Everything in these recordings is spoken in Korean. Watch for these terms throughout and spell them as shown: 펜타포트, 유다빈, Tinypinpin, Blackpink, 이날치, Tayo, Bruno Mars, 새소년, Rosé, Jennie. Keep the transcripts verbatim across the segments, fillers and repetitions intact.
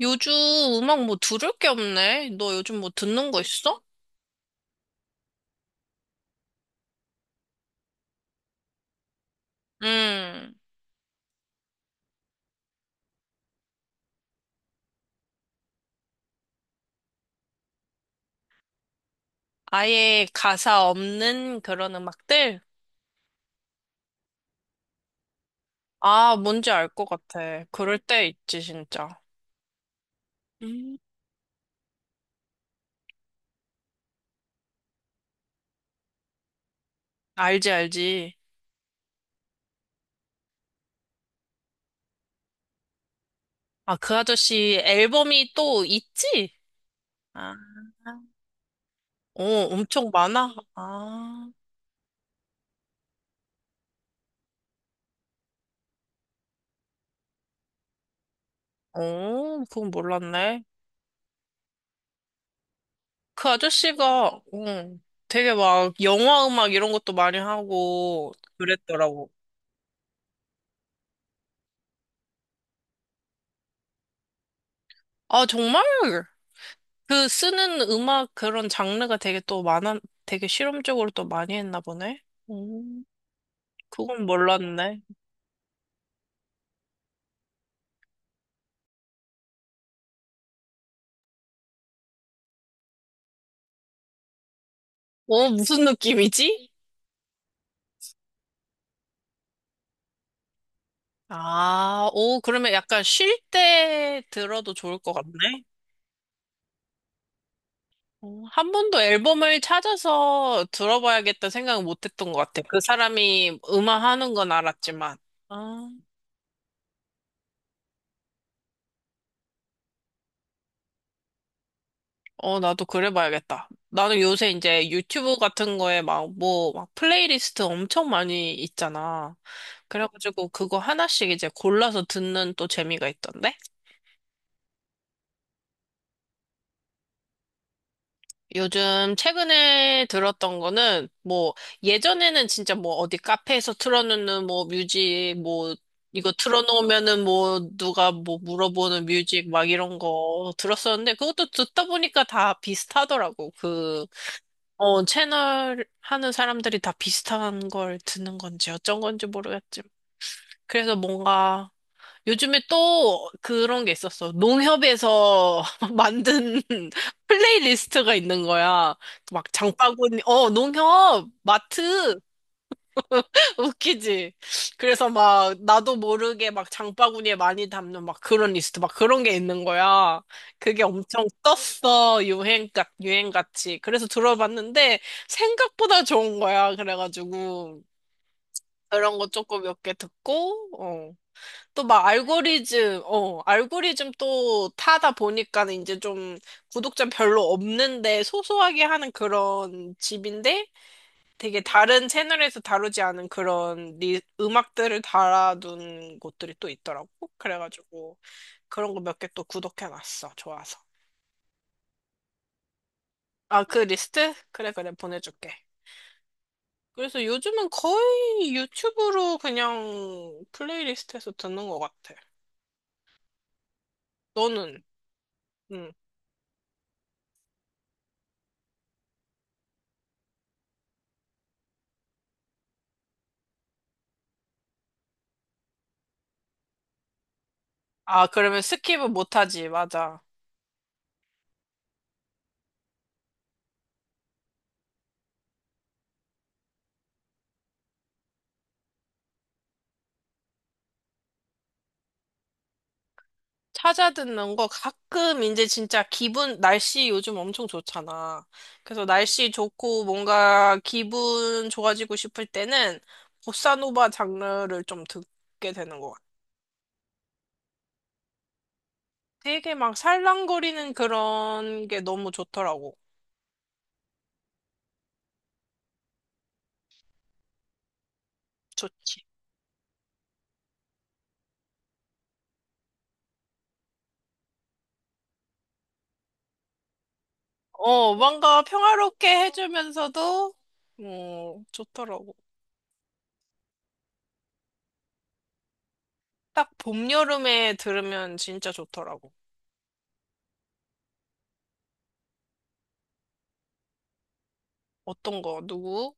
요즘 음악 뭐 들을 게 없네. 너 요즘 뭐 듣는 거 있어? 음, 아예 가사 없는 그런 음악들? 아, 뭔지 알 것 같아. 그럴 때 있지, 진짜. 음, 알지, 알지. 아, 그 아저씨 앨범이 또 있지? 아, 어, 엄청 많아? 아, 어, 그건 몰랐네. 그 아저씨가, 응, 되게 막 영화 음악 이런 것도 많이 하고 그랬더라고. 아, 정말? 그 쓰는 음악 그런 장르가 되게 또 많아, 되게 실험적으로 또 많이 했나 보네. 음, 그건 몰랐네. 어, 무슨 느낌이지? 아, 오, 그러면 약간 쉴 때 들어도 좋을 것 같네. 어, 한 번도 앨범을 찾아서 들어봐야겠다 생각은 못 했던 것 같아. 그 사람이 음악 하는 건 알았지만. 아. 어, 나도 그래 봐야겠다. 나는 요새 이제 유튜브 같은 거에 막 뭐, 막 플레이리스트 엄청 많이 있잖아. 그래가지고 그거 하나씩 이제 골라서 듣는 또 재미가 있던데? 요즘 최근에 들었던 거는 뭐, 예전에는 진짜 뭐 어디 카페에서 틀어놓는 뭐 뮤직 뭐, 이거 틀어놓으면은 뭐 누가 뭐 물어보는 뮤직 막 이런 거 들었었는데 그것도 듣다 보니까 다 비슷하더라고. 그 어, 채널 하는 사람들이 다 비슷한 걸 듣는 건지 어쩐 건지 모르겠지만. 그래서 뭔가 요즘에 또 그런 게 있었어. 농협에서 만든 플레이리스트가 있는 거야. 막 장바구니, 어, 농협, 마트. 웃기지? 그래서 막, 나도 모르게 막 장바구니에 많이 담는 막 그런 리스트, 막 그런 게 있는 거야. 그게 엄청 떴어. 유행같, 유행같이. 그래서 들어봤는데, 생각보다 좋은 거야. 그래가지고. 그런 거 조금 몇 개 듣고, 어. 또 막 알고리즘, 어, 알고리즘 또 타다 보니까는 이제 좀 구독자 별로 없는데 소소하게 하는 그런 집인데, 되게 다른 채널에서 다루지 않은 그런 리, 음악들을 달아둔 곳들이 또 있더라고. 그래가지고 그런 거 몇 개 또 구독해놨어. 좋아서. 아, 그 리스트? 그래, 그래, 보내줄게. 그래서 요즘은 거의 유튜브로 그냥 플레이리스트에서 듣는 것 같아. 너는? 응. 아, 그러면 스킵은 못하지. 맞아. 찾아 듣는 거 가끔 이제 진짜 기분, 날씨 요즘 엄청 좋잖아. 그래서 날씨 좋고 뭔가 기분 좋아지고 싶을 때는 보사노바 장르를 좀 듣게 되는 것 같아. 되게 막 살랑거리는 그런 게 너무 좋더라고. 좋지. 어, 뭔가 평화롭게 해주면서도, 어, 좋더라고. 딱 봄, 여름에 들으면 진짜 좋더라고. 어떤 거, 누구?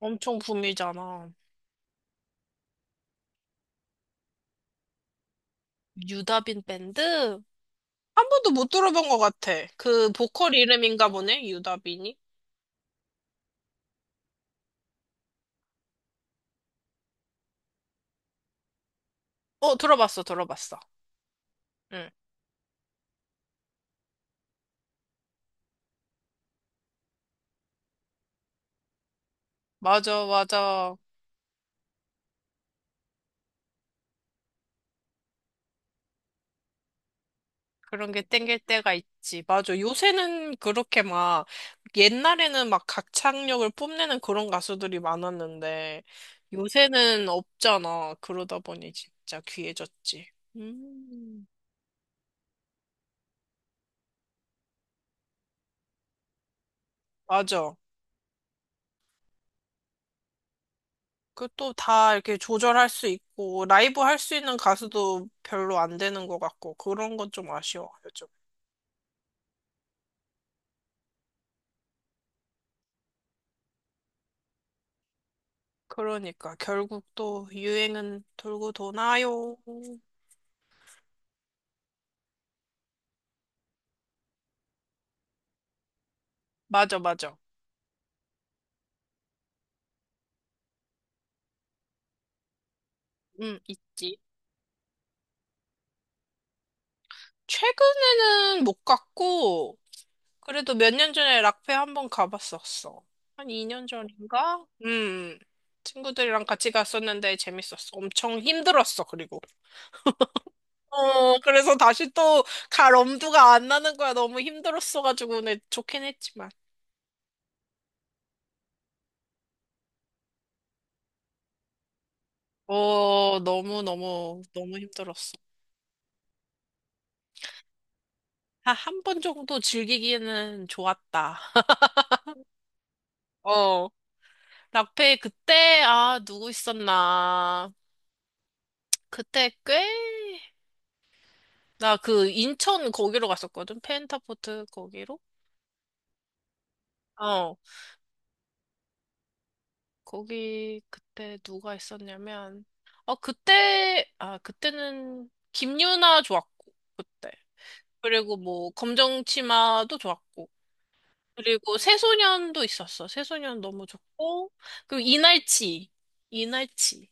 엄청 붐이잖아. 유다빈 밴드? 한 번도 못 들어본 것 같아. 그 보컬 이름인가 보네, 유다빈이? 어, 들어봤어, 들어봤어. 응. 맞아, 맞아. 그런 게 땡길 때가 있지. 맞아. 요새는 그렇게 막, 옛날에는 막 가창력을 뽐내는 그런 가수들이 많았는데, 요새는 없잖아. 그러다 보니 진짜 귀해졌지. 음, 맞아. 그 또 다 이렇게 조절할 수 있고, 라이브 할 수 있는 가수도 별로 안 되는 것 같고, 그런 건 좀 아쉬워, 요즘. 그러니까 결국 또 유행은 돌고 도나요. 맞아, 맞아. 음, 있지. 최근에는 못 갔고 그래도 몇 년 전에 락페 한번 가봤었어. 한 이 년 전인가? 음. 친구들이랑 같이 갔었는데 재밌었어. 엄청 힘들었어, 그리고. 어, 그래서 다시 또 갈 엄두가 안 나는 거야. 너무 힘들었어가지고. 근데 좋긴 했지만. 어, 너무너무, 너무 힘들었어. 한 한 번 정도 즐기기에는 좋았다. 어, 라페 그때 아 누구 있었나? 그때 꽤 나 그 인천 거기로 갔었거든. 펜타포트 거기로. 어, 거기 그때 누가 있었냐면 어 그때 아 그때는 김유나 좋았고 그때 그리고 뭐 검정치마도 좋았고 그리고 새소년도 있었어. 새소년 너무 좋고 그리고 이날치 이날치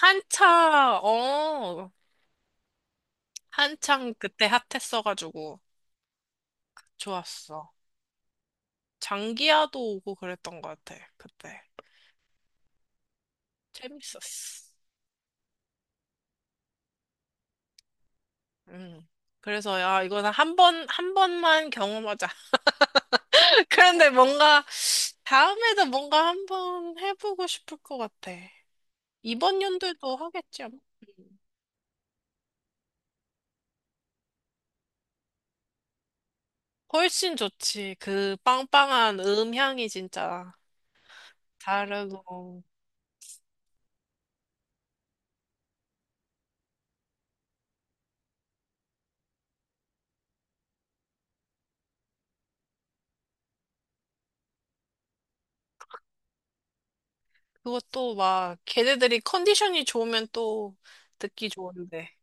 한차, 어, 한창 그때 핫했어가지고 좋았어. 장기야도 오고 그랬던 것 같아. 그때 재밌었어. 음. 그래서 야 이거는 한 번 한 번만 경험하자. 그런데 뭔가 다음에도 뭔가 한 번 해보고 싶을 것 같아. 이번 연도에도 하겠지 아마. 음. 훨씬 좋지. 그 빵빵한 음향이 진짜 다르고 그것도 막 걔네들이 컨디션이 좋으면 또 듣기 좋은데.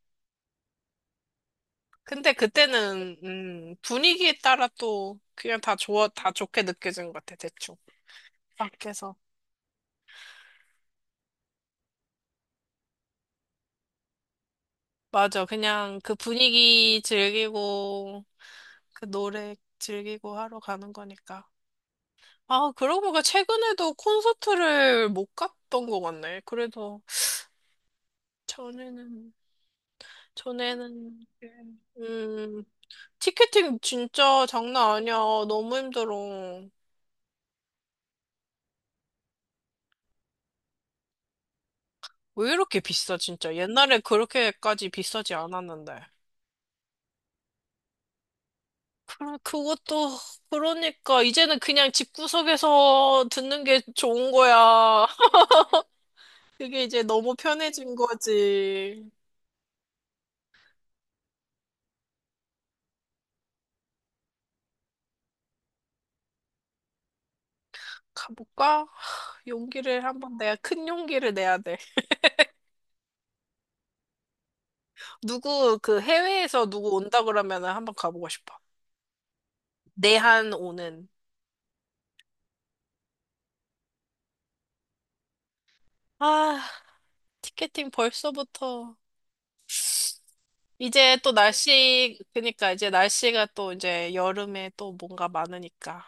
근데 그때는 음, 분위기에 따라 또 그냥 다 좋아 다 좋게 느껴진 것 같아 대충 밖에서 맞아 그냥 그 분위기 즐기고 그 노래 즐기고 하러 가는 거니까 아 그러고 보니까 최근에도 콘서트를 못 갔던 것 같네 그래서 전에는 전에는 음 티켓팅 진짜 장난 아니야 너무 힘들어 왜 이렇게 비싸 진짜 옛날에 그렇게까지 비싸지 않았는데 그럼 그것도 그러니까 이제는 그냥 집구석에서 듣는 게 좋은 거야. 그게 이제 너무 편해진 거지. 가볼까? 용기를 한번 내야 큰 용기를 내야 돼. 누구 그 해외에서 누구 온다 그러면은 한번 가보고 싶어. 내한 오는. 아, 티켓팅 벌써부터. 이제 또 날씨, 그니까 이제 날씨가 또 이제 여름에 또 뭔가 많으니까.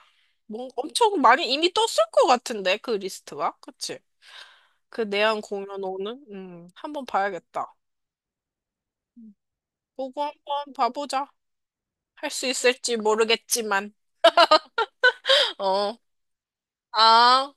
뭔 엄청 많이 이미 떴을 것 같은데, 그 리스트가. 그치? 그 내한 공연 오는? 음, 한번 봐야겠다. 보고 한번 봐보자. 할 수 있을지 모르겠지만. 어. 아.